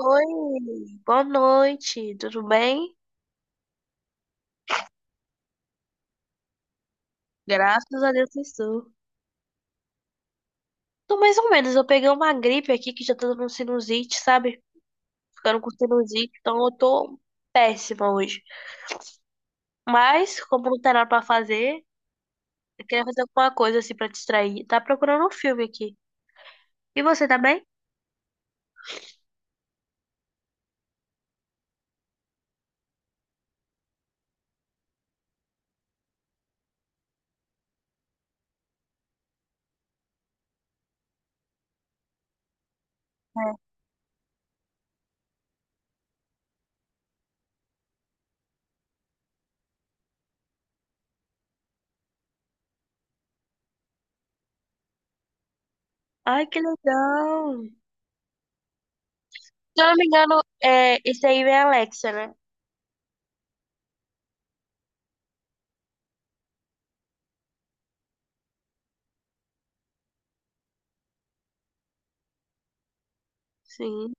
Oi, boa noite, tudo bem? Graças a Deus estou. Tô mais ou menos, eu peguei uma gripe aqui que já tá dando sinusite, sabe? Ficando com sinusite, então eu tô péssima hoje. Mas, como não tem nada pra fazer, eu queria fazer alguma coisa assim pra distrair. Tá procurando um filme aqui. E você tá bem? Ai, que legal! Se eu não me engano, é, esse aí é Alexa, né? Sim,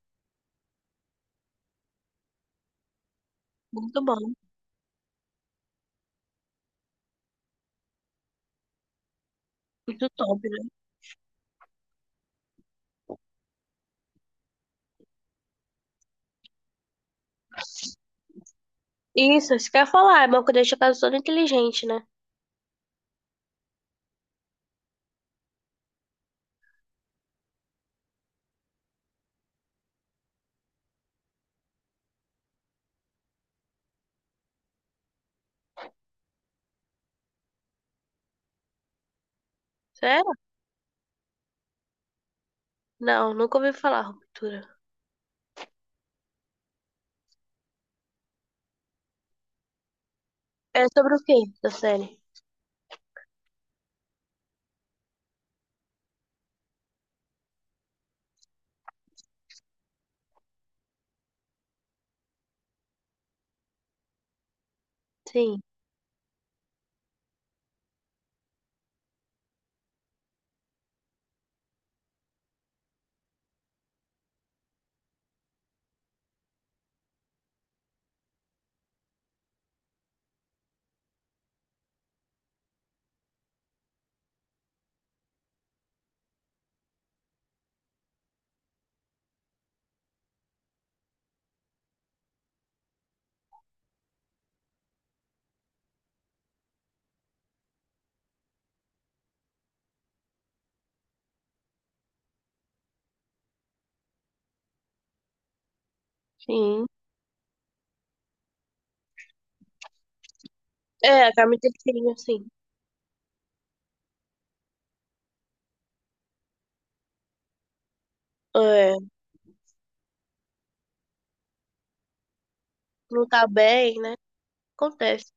muito bom, muito top, né? Isso que eu ia falar, é bom que deixa a casa toda inteligente, né? Certo? Não, nunca ouvi falar, ruptura. É sobre o quê da série? Sim, sim. É, a Carmen tem sim. É, não tá bem, né? Acontece.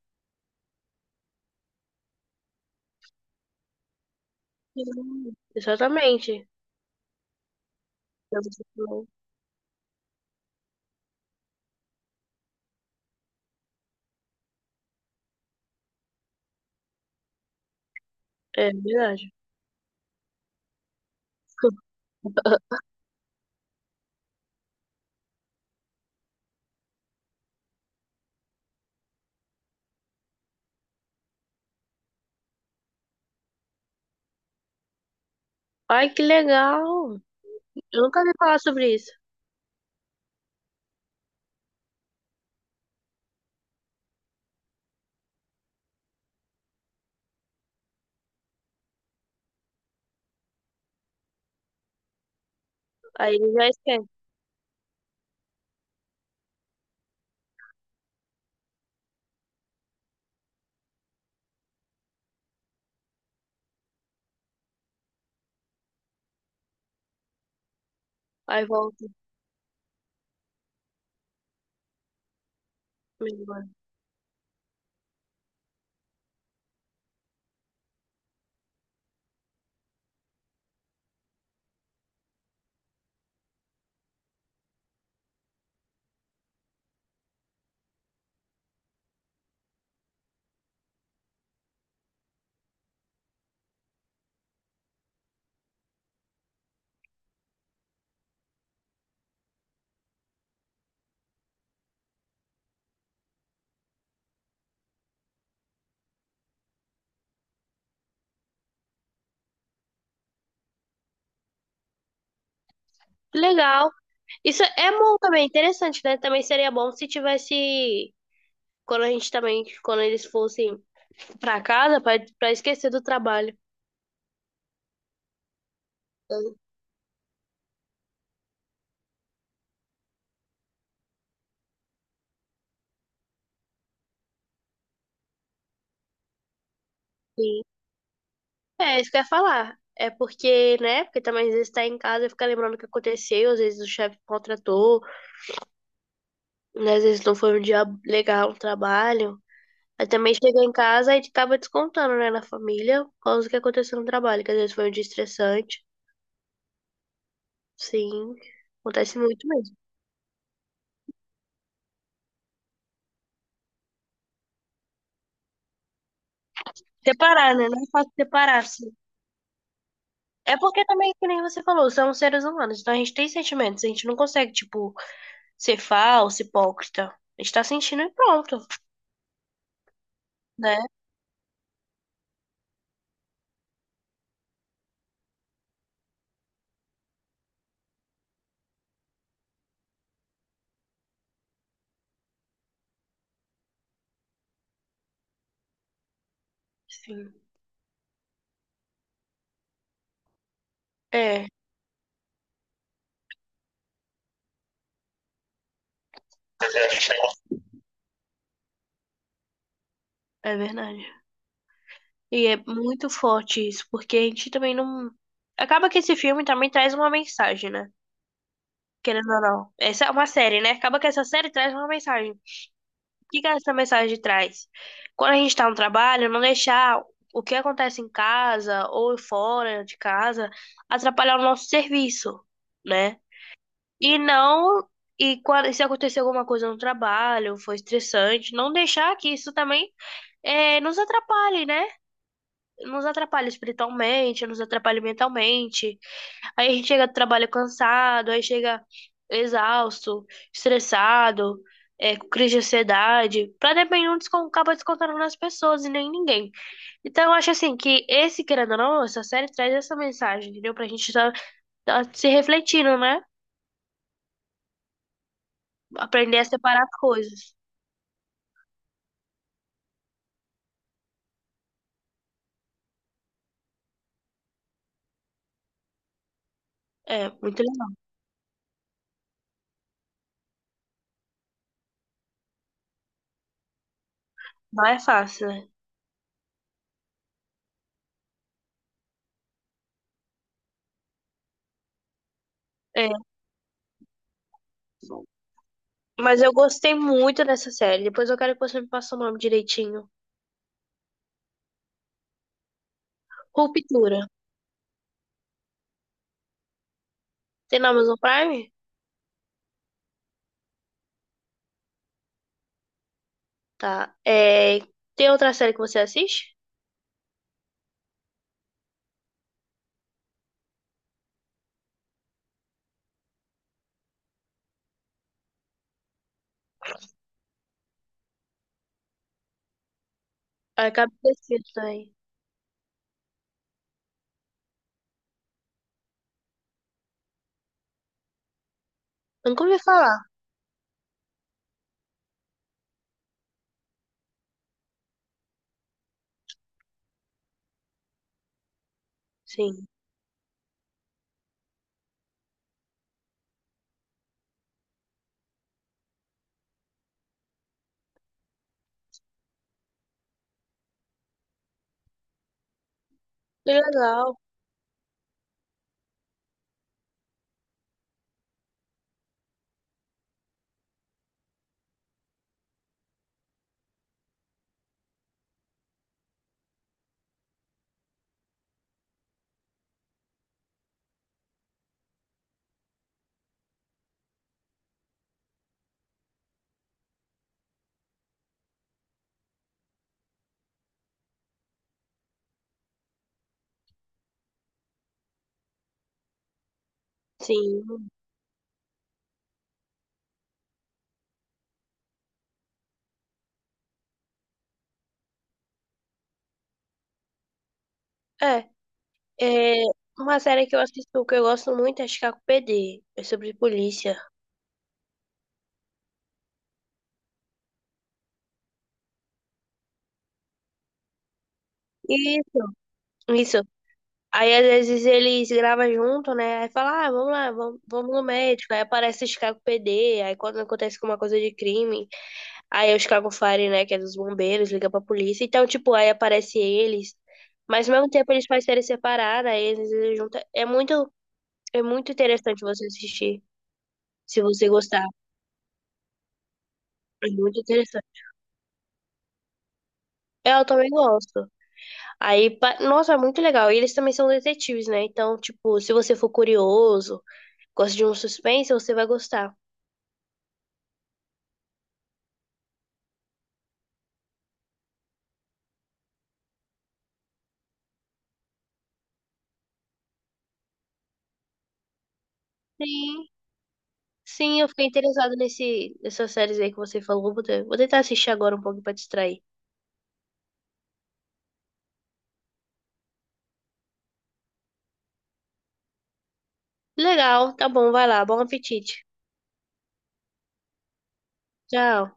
Sim, exatamente. É verdade. Ai, que legal! Eu nunca ouvi falar sobre isso. Aí ele já esquece. Aí volta. Melhora. Que legal. Isso é bom também, interessante, né? Também seria bom se tivesse. Quando a gente também. Quando eles fossem pra casa, pra, pra esquecer do trabalho. Sim. É, isso que eu ia falar. É porque, né? Porque também às vezes tá em casa e fica lembrando o que aconteceu, às vezes o chefe contratou, né? Às vezes não foi um dia legal no trabalho. Aí também chega em casa e acaba descontando, né, na família, por causa do que aconteceu no trabalho, que às vezes foi um dia estressante. Sim, acontece muito mesmo. Separar, né? Não é fácil separar, assim. É porque também, que nem você falou, somos seres humanos, então a gente tem sentimentos, a gente não consegue, tipo, ser falso, hipócrita. A gente tá sentindo e pronto, né? Sim. É. É verdade. E é muito forte isso, porque a gente também não. Acaba que esse filme também traz uma mensagem, né? Querendo ou não. Essa é uma série, né? Acaba que essa série traz uma mensagem. O que que essa mensagem traz? Quando a gente tá no trabalho, não deixar o que acontece em casa ou fora de casa atrapalhar o nosso serviço, né? E não. E quando, se acontecer alguma coisa no trabalho, foi estressante, não deixar que isso também nos atrapalhe, né? Nos atrapalha espiritualmente, nos atrapalha mentalmente. Aí a gente chega do trabalho cansado, aí chega exausto, estressado, é, com crise de ansiedade. Pra depender, um descon- acaba descontando nas pessoas e nem ninguém. Então eu acho assim que esse, querendo ou não, essa série traz essa mensagem, entendeu? Pra gente tá, tá se refletindo, né? Aprender a separar as coisas. É, muito legal. Não é fácil, né? É. Mas eu gostei muito dessa série. Depois eu quero que você me passe o nome direitinho. Ruptura. Tem na Amazon Prime? Tá. É, tem outra série que você assiste? Ah, acabei de assistir também. Eu nunca ouvi falar. Sim. Que legal. Sim. É, é uma série que eu assisto que eu gosto muito é Chicago PD. É sobre polícia. Isso. Isso. Aí às vezes eles gravam junto, né? Aí fala, ah, vamos lá, vamos, vamos no médico. Aí aparece Chicago PD. Aí quando acontece alguma coisa de crime, aí o Chicago Fire, né, que é dos bombeiros, liga pra polícia. Então, tipo, aí aparece eles. Mas ao mesmo tempo eles fazem série separada, aí eles juntam. É muito interessante você assistir, se você gostar. É muito interessante. Eu também gosto. Aí, pa- nossa, é muito legal. E eles também são detetives, né? Então, tipo, se você for curioso, gosta de um suspense, você vai gostar. Sim, sim, eu fiquei interessada nesse, nessas séries aí que você falou. Vou te- vou tentar assistir agora um pouco pra distrair. Legal, tá bom, vai lá, bom apetite. Tchau.